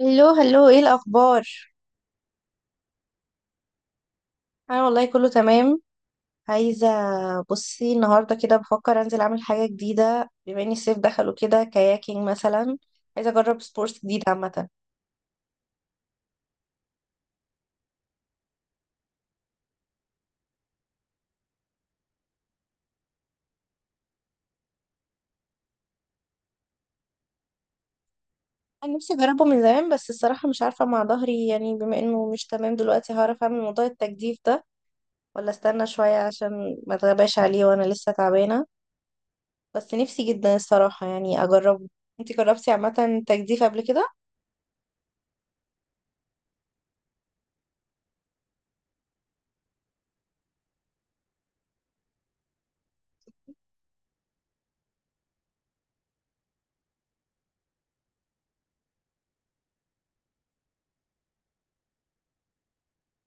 هلو هلو، ايه الاخبار؟ انا والله كله تمام. عايزه بصي، النهارده كده بفكر انزل اعمل حاجه جديده، بما ان الصيف دخل وكده، كاياكينج مثلا. عايزه اجرب سبورتس جديد عامه. انا نفسي اجربه من زمان، بس الصراحه مش عارفه مع ظهري، يعني بما انه مش تمام دلوقتي هعرف اعمل موضوع التجديف ده ولا استنى شويه عشان ما اتغباش عليه وانا لسه تعبانه. بس نفسي جدا الصراحه يعني اجربه. انتي جربتي عامه تجديف قبل كده؟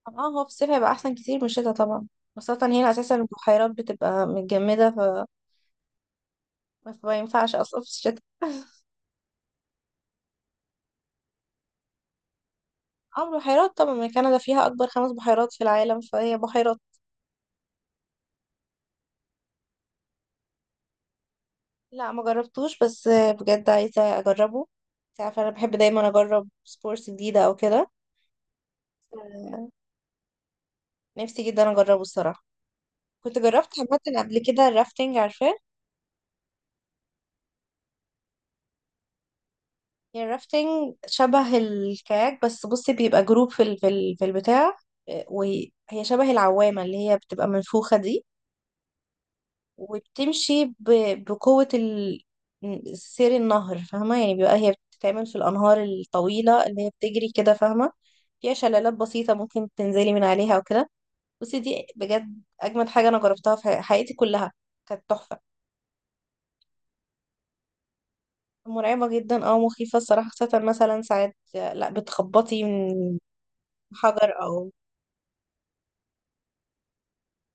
اه، هو في الصيف هيبقى احسن كتير من الشتا طبعا. خاصة هنا اساسا البحيرات بتبقى متجمدة، ف ما ينفعش اصلا في الشتا. اه، بحيرات طبعا، ما كندا فيها اكبر خمس بحيرات في العالم، فهي بحيرات. لا، ما جربتوش بس بجد عايزة اجربه. انت عارفة انا بحب دايما اجرب سبورتس جديدة او كده. نفسي جدا اجربه الصراحة. كنت جربت عامة قبل كده الرافتنج، عارفاه. هي الرافتنج شبه الكاياك، بس بصي بيبقى جروب في البتاع. وهي شبه العوامة اللي هي بتبقى منفوخة دي. وبتمشي بقوة سير النهر، فاهمة؟ يعني بيبقى هي بتتعمل في الأنهار الطويلة اللي هي بتجري كده، فاهمة؟ فيها شلالات بسيطة ممكن تنزلي من عليها أو كده. بصي، دي بجد أجمد حاجة أنا جربتها في حياتي كلها. كانت تحفة. مرعبة جدا، مخيفة الصراحة، خاصة مثلا ساعات لا بتخبطي من حجر أو.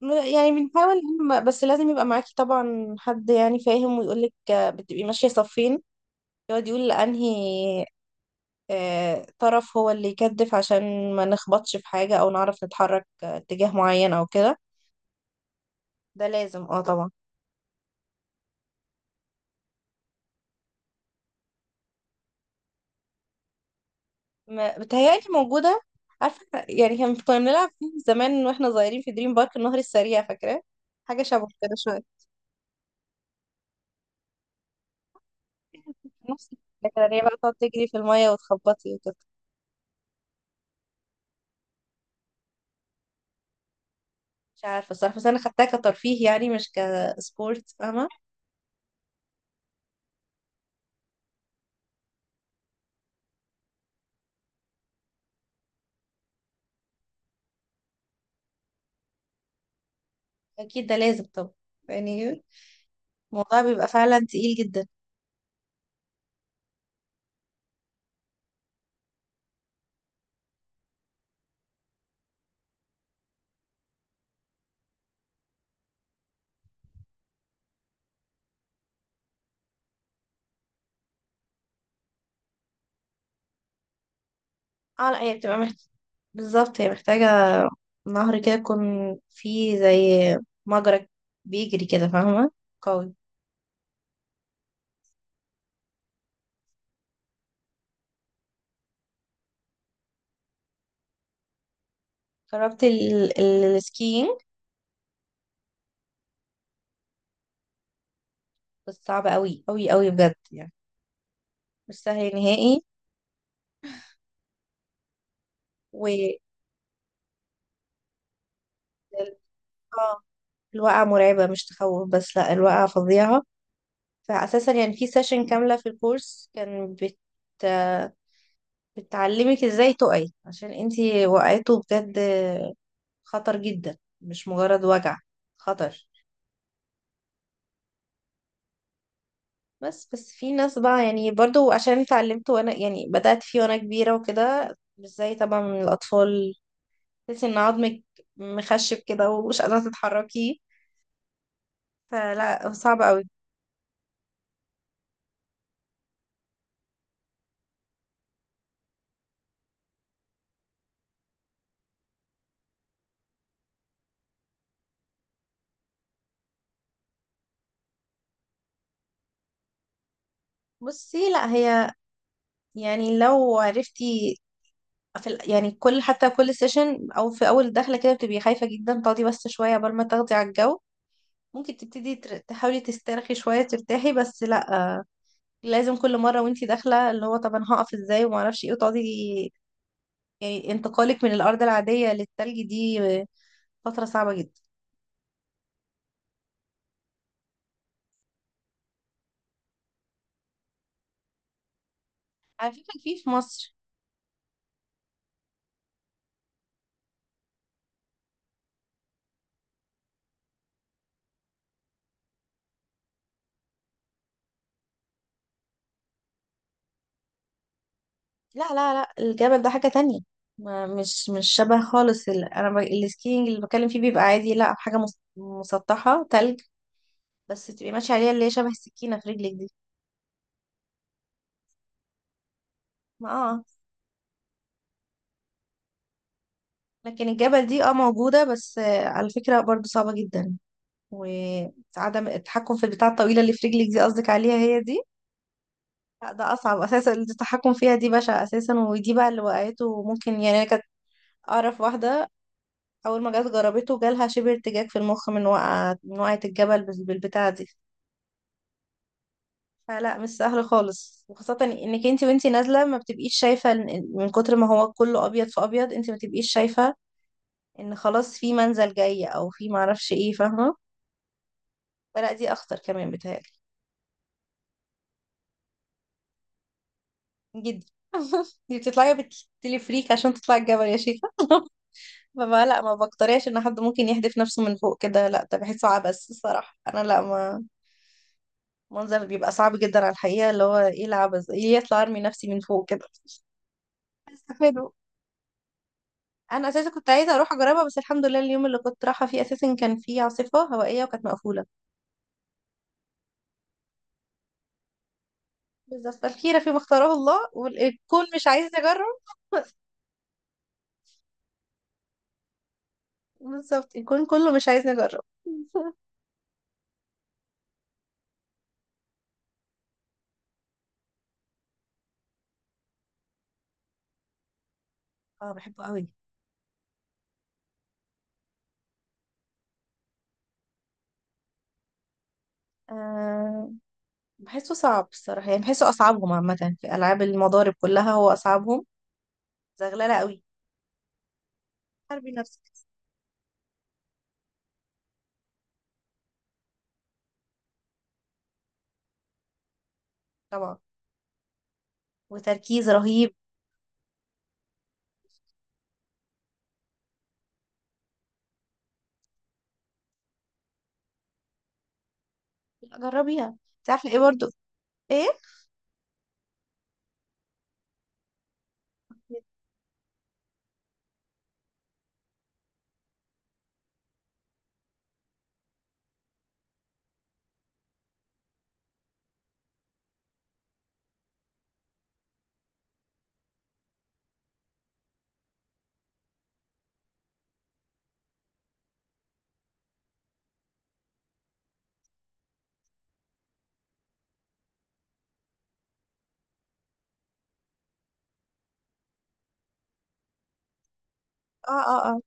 يعني بنحاول إن بس لازم يبقى معاكي طبعا حد يعني فاهم ويقولك بتبقي ماشية صفين. يقعد يقول لأنهي طرف هو اللي يكدف عشان ما نخبطش في حاجة أو نعرف نتحرك اتجاه معين أو كده. ده لازم اه طبعا. بتهيألي موجودة. عارفة يعني كنا بنلعب فيه زمان واحنا صغيرين في دريم بارك، النهر السريع فاكرة؟ حاجة شبه كده شوية. نفس الفكرة إن هي بقى تقعد تجري في المية وتخبطي وكده. مش عارفة الصراحة، بس أنا خدتها كترفيه يعني، مش كسبورت، فاهمة؟ اكيد ده لازم طبعا. يعني الموضوع بيبقى فعلا تقيل جدا. اه لا هي بتبقى محتاجة، بالظبط هي محتاجة نهر كده يكون فيه زي مجرى بيجري كده، فاهمة؟ قوي. جربت السكينج. بس صعب قوي قوي قوي بجد يعني. مش سهل نهائي. و اه الوقعة مرعبة، مش تخوف بس، لا الوقعة فظيعة. فأساسا يعني في سيشن كاملة في الكورس كان بتعلمك ازاي تقعي، عشان انتي وقعته بجد خطر جدا مش مجرد وجع، خطر. بس في ناس بقى يعني، برضو عشان اتعلمت وانا يعني بدأت فيه وانا كبيرة وكده، مش زي طبعا من الأطفال. تحسي ان عظمك مخشب كده ومش قادرة تتحركيه. فلا صعب قوي. بصي لا، هي يعني لو عرفتي يعني كل، حتى كل سيشن او في اول دخله كده بتبقي خايفه جدا تقعدي بس شويه قبل ما تاخدي على الجو. ممكن تبتدي تحاولي تسترخي شويه ترتاحي، بس لا، لازم كل مرة وانتي داخلة اللي هو طب انا هقف ازاي وما اعرفش ايه وتقعدي. يعني انتقالك من الارض العادية للتلج دي فترة صعبة جدا. على فكرة في مصر. لا لا لا، الجبل ده حاجة تانية. ما مش شبه خالص انا السكينج اللي بتكلم فيه بيبقى عادي، لا حاجة مسطحة تلج، بس تبقي ماشية عليها اللي هي شبه السكينة في رجلك دي. ما اه. لكن الجبل دي موجودة بس على فكرة برضو صعبة جدا. وعدم التحكم في البتاعة الطويلة اللي في رجلك دي قصدك، عليها هي دي. لا ده اصعب اساسا، التحكم فيها دي بشع اساسا. ودي بقى اللي وقعته ممكن يعني، أنا كانت اعرف واحده اول ما جت جربته جالها شبه ارتجاج في المخ من وقعه الجبل بالبتاعه دي. فلا مش سهل خالص، وخاصه انك انت وانتي نازله ما بتبقيش شايفه من كتر ما هو كله ابيض في ابيض، انت ما تبقيش شايفه ان خلاص في منزل جاي او في معرفش ايه، فاهمه؟ فلا دي اخطر كمان بتهيألي، جدا. دي بتطلعي بالتليفريك عشان تطلعي الجبل يا شيخة. فما لا، ما بقترحش ان حد ممكن يحدف نفسه من فوق كده، لا ده بحسه عبث الصراحه، انا لا ما. منظر بيبقى صعب جدا على الحقيقه، اللي هو ايه العبث، ايه يطلع ارمي نفسي من فوق كده. استفادوا. انا اساسا كنت عايزه اروح اجربها، بس الحمد لله اليوم اللي كنت رايحه فيه اساسا كان فيه عاصفه هوائيه وكانت مقفوله. بالظبط، الخيره فيما اختاره الله، والكون مش عايز نجرب. بالظبط الكون كله مش عايز نجرب. اه بحبه قوي. آه بحسه صعب الصراحه، يعني بحسه اصعبهم عامه. في العاب المضارب كلها هو اصعبهم، زغلله قوي. حاربي نفسك. طبعا، وتركيز رهيب. لا، جربيها. انت عارفه ايه؟ برضو ايه؟ اه اه اه،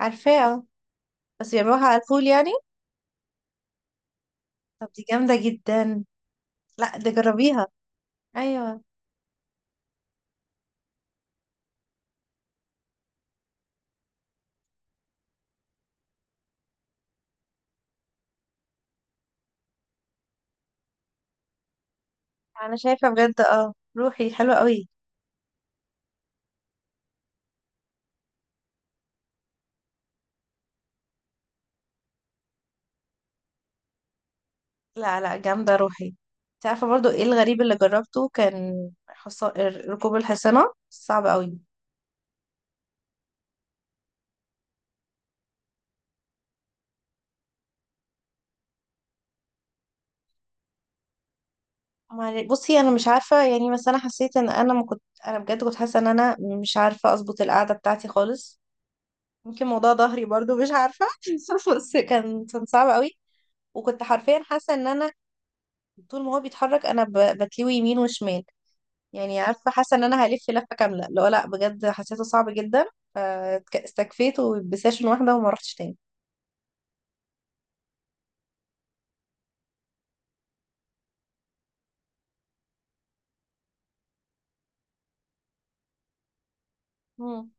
عارفاه اه. بس بيعملوها على الفول يعني. طب دي جامده جدا. لا، دي جربيها. ايوه، انا شايفه بجد روحي حلوه قوي. لا لا، جامده، روحي. انت عارفه برضو ايه الغريب اللي جربته؟ كان ركوب الحصانه صعب قوي. بصي انا مش عارفه يعني، بس انا حسيت ان انا ما كنت، انا بجد كنت حاسه ان انا مش عارفه اظبط القعده بتاعتي خالص. يمكن موضوع ظهري برضو، مش عارفة. بس كان صعب قوي. وكنت حرفيا حاسة ان انا، طول ما هو بيتحرك انا بتلوي يمين وشمال. يعني عارفة، حاسة ان انا هلف لفة كاملة. لا لا بجد حسيته صعب جدا. استكفيت وبسيشن واحدة وما رحتش تاني. مم.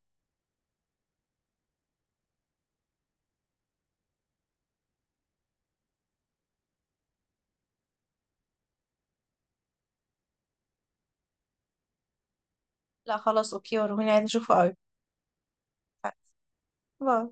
لا خلاص، اوكي، وروني، عايزة اشوفه قوي. باي.